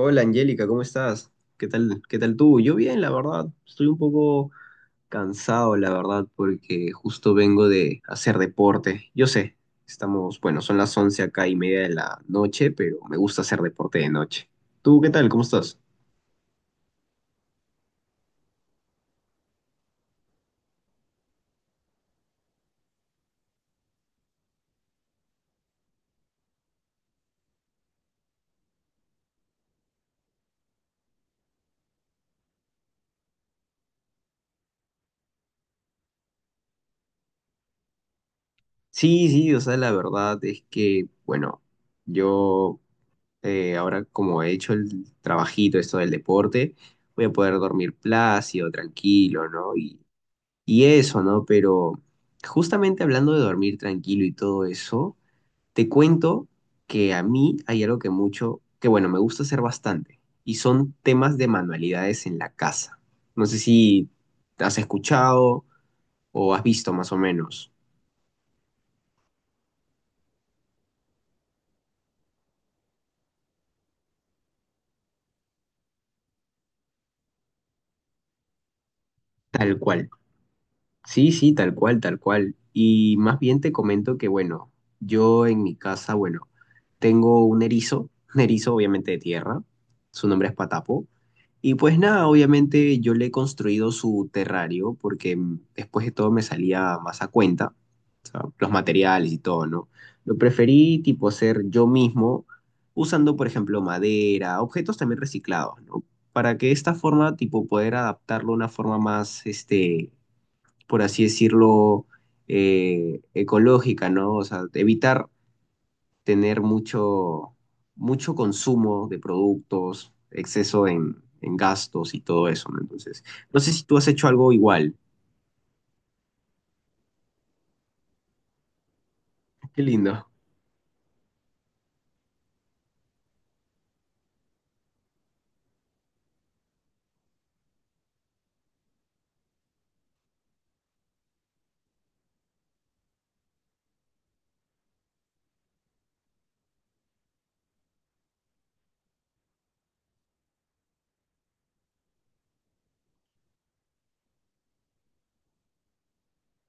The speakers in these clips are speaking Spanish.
Hola Angélica, ¿cómo estás? Qué tal tú? Yo bien, la verdad. Estoy un poco cansado, la verdad, porque justo vengo de hacer deporte. Yo sé, estamos, bueno, son las 11 acá y media de la noche, pero me gusta hacer deporte de noche. ¿Tú qué tal? ¿Cómo estás? Sí, sí, o sea, la verdad es que, bueno, yo ahora como he hecho el trabajito, esto del deporte, voy a poder dormir plácido, tranquilo, ¿no? Y eso, ¿no? Pero justamente hablando de dormir tranquilo y todo eso, te cuento que a mí hay algo que mucho, que bueno, me gusta hacer bastante, y son temas de manualidades en la casa. No sé si has escuchado o has visto más o menos, tal cual. Sí, sí, tal cual, tal cual. Y más bien te comento que, bueno, yo en mi casa, bueno, tengo un erizo, un erizo obviamente de tierra, su nombre es Patapo. Y pues nada, obviamente yo le he construido su terrario porque después de todo me salía más a cuenta, o sea, los materiales y todo, ¿no? Lo preferí tipo hacer yo mismo, usando por ejemplo madera, objetos también reciclados, ¿no? Para que de esta forma tipo poder adaptarlo a una forma más, este, por así decirlo, ecológica, ¿no? O sea, evitar tener mucho consumo de productos, exceso en gastos y todo eso, ¿no? Entonces, no sé si tú has hecho algo igual. Qué lindo.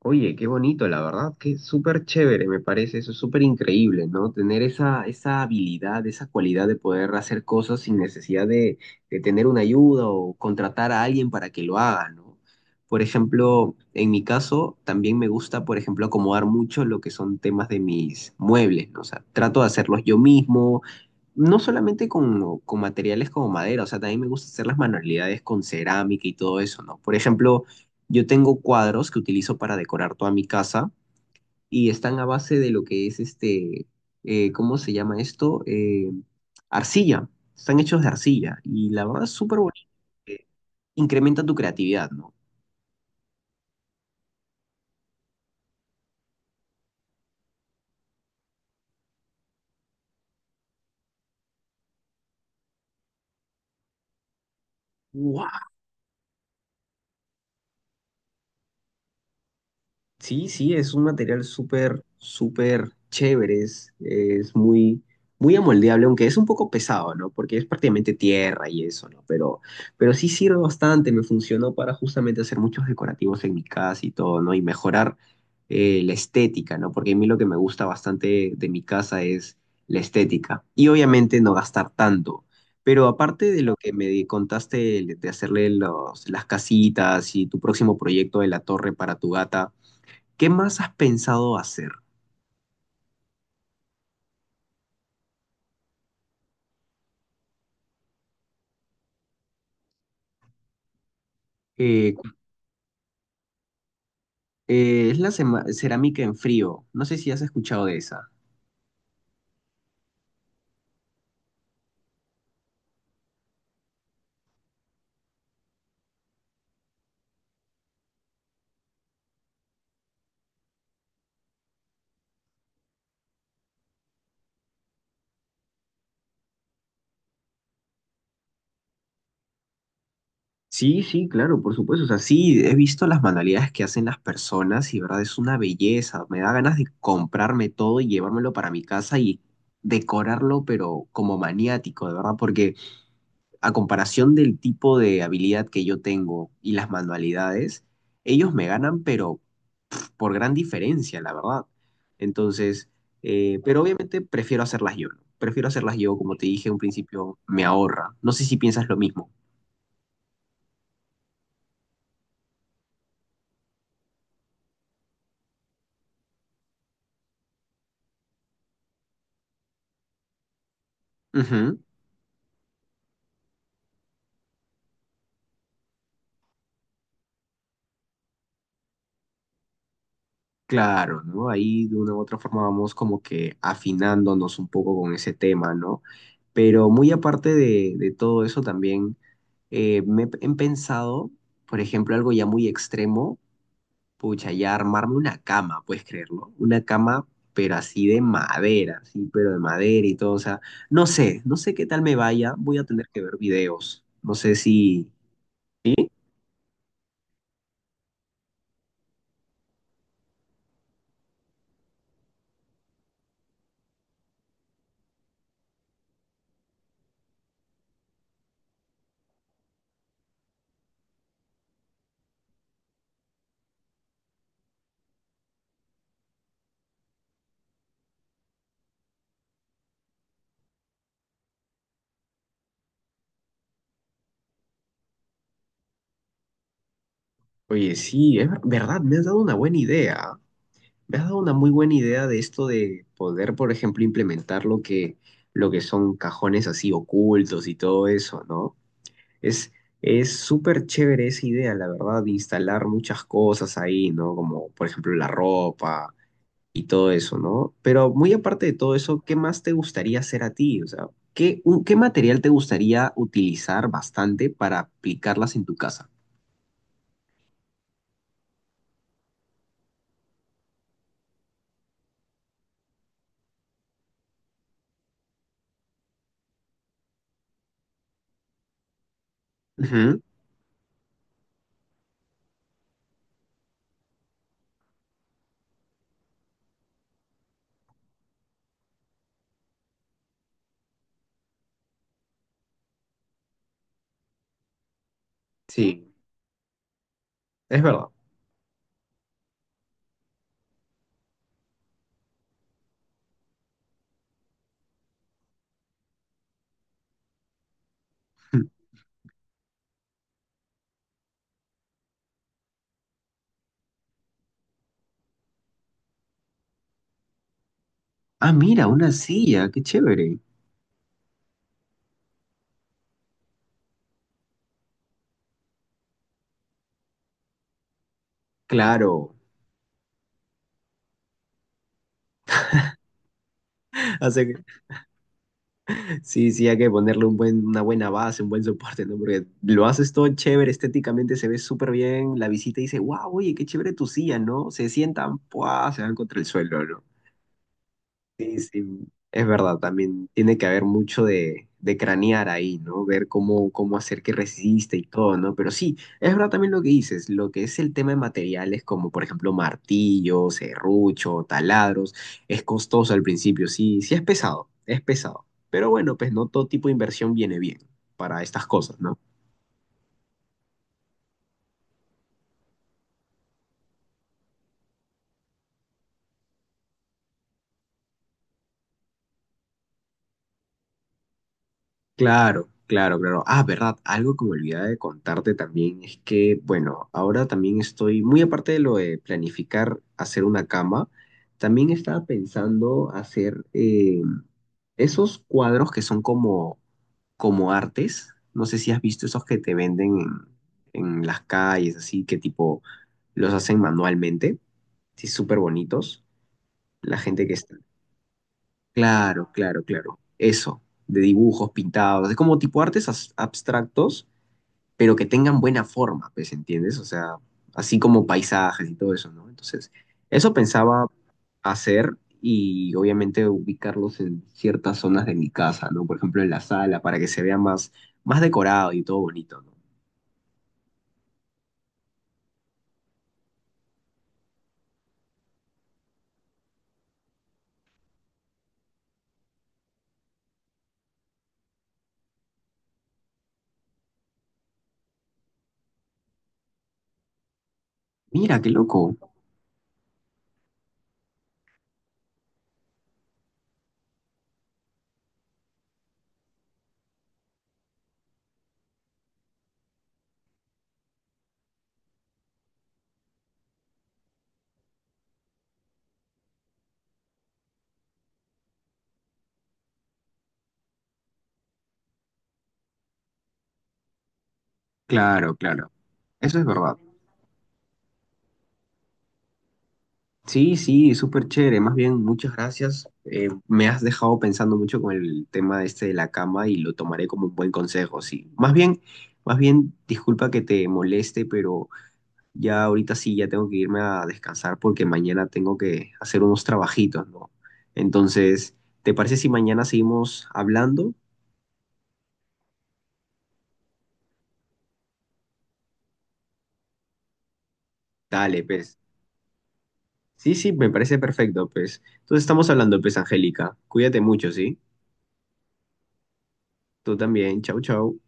Oye, qué bonito, la verdad, que súper chévere, me parece eso, es súper increíble, ¿no? Tener esa, esa habilidad, esa cualidad de poder hacer cosas sin necesidad de tener una ayuda o contratar a alguien para que lo haga, ¿no? Por ejemplo, en mi caso, también me gusta, por ejemplo, acomodar mucho lo que son temas de mis muebles, ¿no? O sea, trato de hacerlos yo mismo, no solamente con materiales como madera, o sea, también me gusta hacer las manualidades con cerámica y todo eso, ¿no? Por ejemplo, yo tengo cuadros que utilizo para decorar toda mi casa y están a base de lo que es este, ¿cómo se llama esto? Arcilla. Están hechos de arcilla y la verdad es súper bonito. eh, Incrementa tu creatividad, ¿no? Sí, sí, es un material súper, súper chévere, es muy, muy amoldeable, aunque es un poco pesado, ¿no? Porque es prácticamente tierra y eso, ¿no? Pero sí sirve bastante, me funcionó para justamente hacer muchos decorativos en mi casa y todo, ¿no? Y mejorar la estética, ¿no? Porque a mí lo que me gusta bastante de mi casa es la estética. Y obviamente no gastar tanto. Pero aparte de lo que contaste de hacerle los, las casitas y tu próximo proyecto de la torre para tu gata, ¿qué más has pensado hacer? Eh, cu- es la cerámica en frío. No sé si has escuchado de esa. Sí, sí, claro, por supuesto. O sea, sí, he visto las manualidades que hacen las personas y, verdad, es una belleza. Me da ganas de comprarme todo y llevármelo para mi casa y decorarlo, pero como maniático, de verdad, porque a comparación del tipo de habilidad que yo tengo y las manualidades, ellos me ganan, pero por gran diferencia, la verdad. Entonces, pero obviamente prefiero hacerlas yo, ¿no? Prefiero hacerlas yo, como te dije en un principio, me ahorra. No sé si piensas lo mismo. Ujú. Claro, ¿no? Ahí de una u otra forma vamos como que afinándonos un poco con ese tema, ¿no? Pero muy aparte de todo eso también, me he pensado, por ejemplo, algo ya muy extremo, pucha, ya armarme una cama, puedes creerlo. Una cama, pero así de madera, sí, pero de madera y todo. O sea, no sé, no sé qué tal me vaya. Voy a tener que ver videos. No sé si. Oye, sí, es verdad, me has dado una buena idea. Me has dado una muy buena idea de esto de poder, por ejemplo, implementar lo lo que son cajones así ocultos y todo eso, ¿no? Es, es súper chévere esa idea, la verdad, de instalar muchas cosas ahí, ¿no? Como, por ejemplo, la ropa y todo eso, ¿no? Pero muy aparte de todo eso, ¿qué más te gustaría hacer a ti? O sea, ¿qué, qué material te gustaría utilizar bastante para aplicarlas en tu casa? Ujú, sí, es verdad. Ah, mira, una silla, qué chévere. Claro. Así que, sí, sí, hay que ponerle un buen, una buena base, un buen soporte, ¿no? Porque lo haces todo chévere, estéticamente se ve súper bien. La visita dice, wow, oye, qué chévere tu silla, ¿no? Se sientan, ¡pua!, se van contra el suelo, ¿no? Sí, sí, es verdad, también tiene que haber mucho de cranear ahí, ¿no? Ver cómo, cómo hacer que resista y todo, ¿no? Pero sí, es verdad también lo que dices, lo que es el tema de materiales como, por ejemplo, martillos, serrucho, taladros, es costoso al principio, sí, sí es pesado, es pesado. Pero bueno, pues no todo tipo de inversión viene bien para estas cosas, ¿no? Claro, claro, claro. Ah, verdad, algo que me olvidaba de contarte también es que, bueno, ahora también estoy, muy aparte de lo de planificar hacer una cama, también estaba pensando hacer esos cuadros que son como, como artes. No sé si has visto esos que te venden en las calles, así que tipo los hacen manualmente, sí, súper bonitos. La gente que está claro, claro, claro. Eso, de dibujos pintados, es como tipo artes abstractos, pero que tengan buena forma, pues, ¿entiendes? O sea, así como paisajes y todo eso, ¿no? Entonces, eso pensaba hacer y obviamente ubicarlos en ciertas zonas de mi casa, ¿no? Por ejemplo, en la sala, para que se vea más, más decorado y todo bonito, ¿no? Mira, qué loco. Claro, claro. Eso es verdad. Sí, sí, súper chévere. Más bien, muchas gracias. Me has dejado pensando mucho con el tema este de la cama y lo tomaré como un buen consejo, sí. Más bien, disculpa que te moleste, pero ya ahorita sí, ya tengo que irme a descansar porque mañana tengo que hacer unos trabajitos, ¿no? Entonces, ¿te parece si mañana seguimos hablando? Dale, pues. Sí, sí, me parece perfecto, pues. Entonces estamos hablando, pues, Angélica. Cuídate mucho, ¿sí? Tú también. Chau, chau.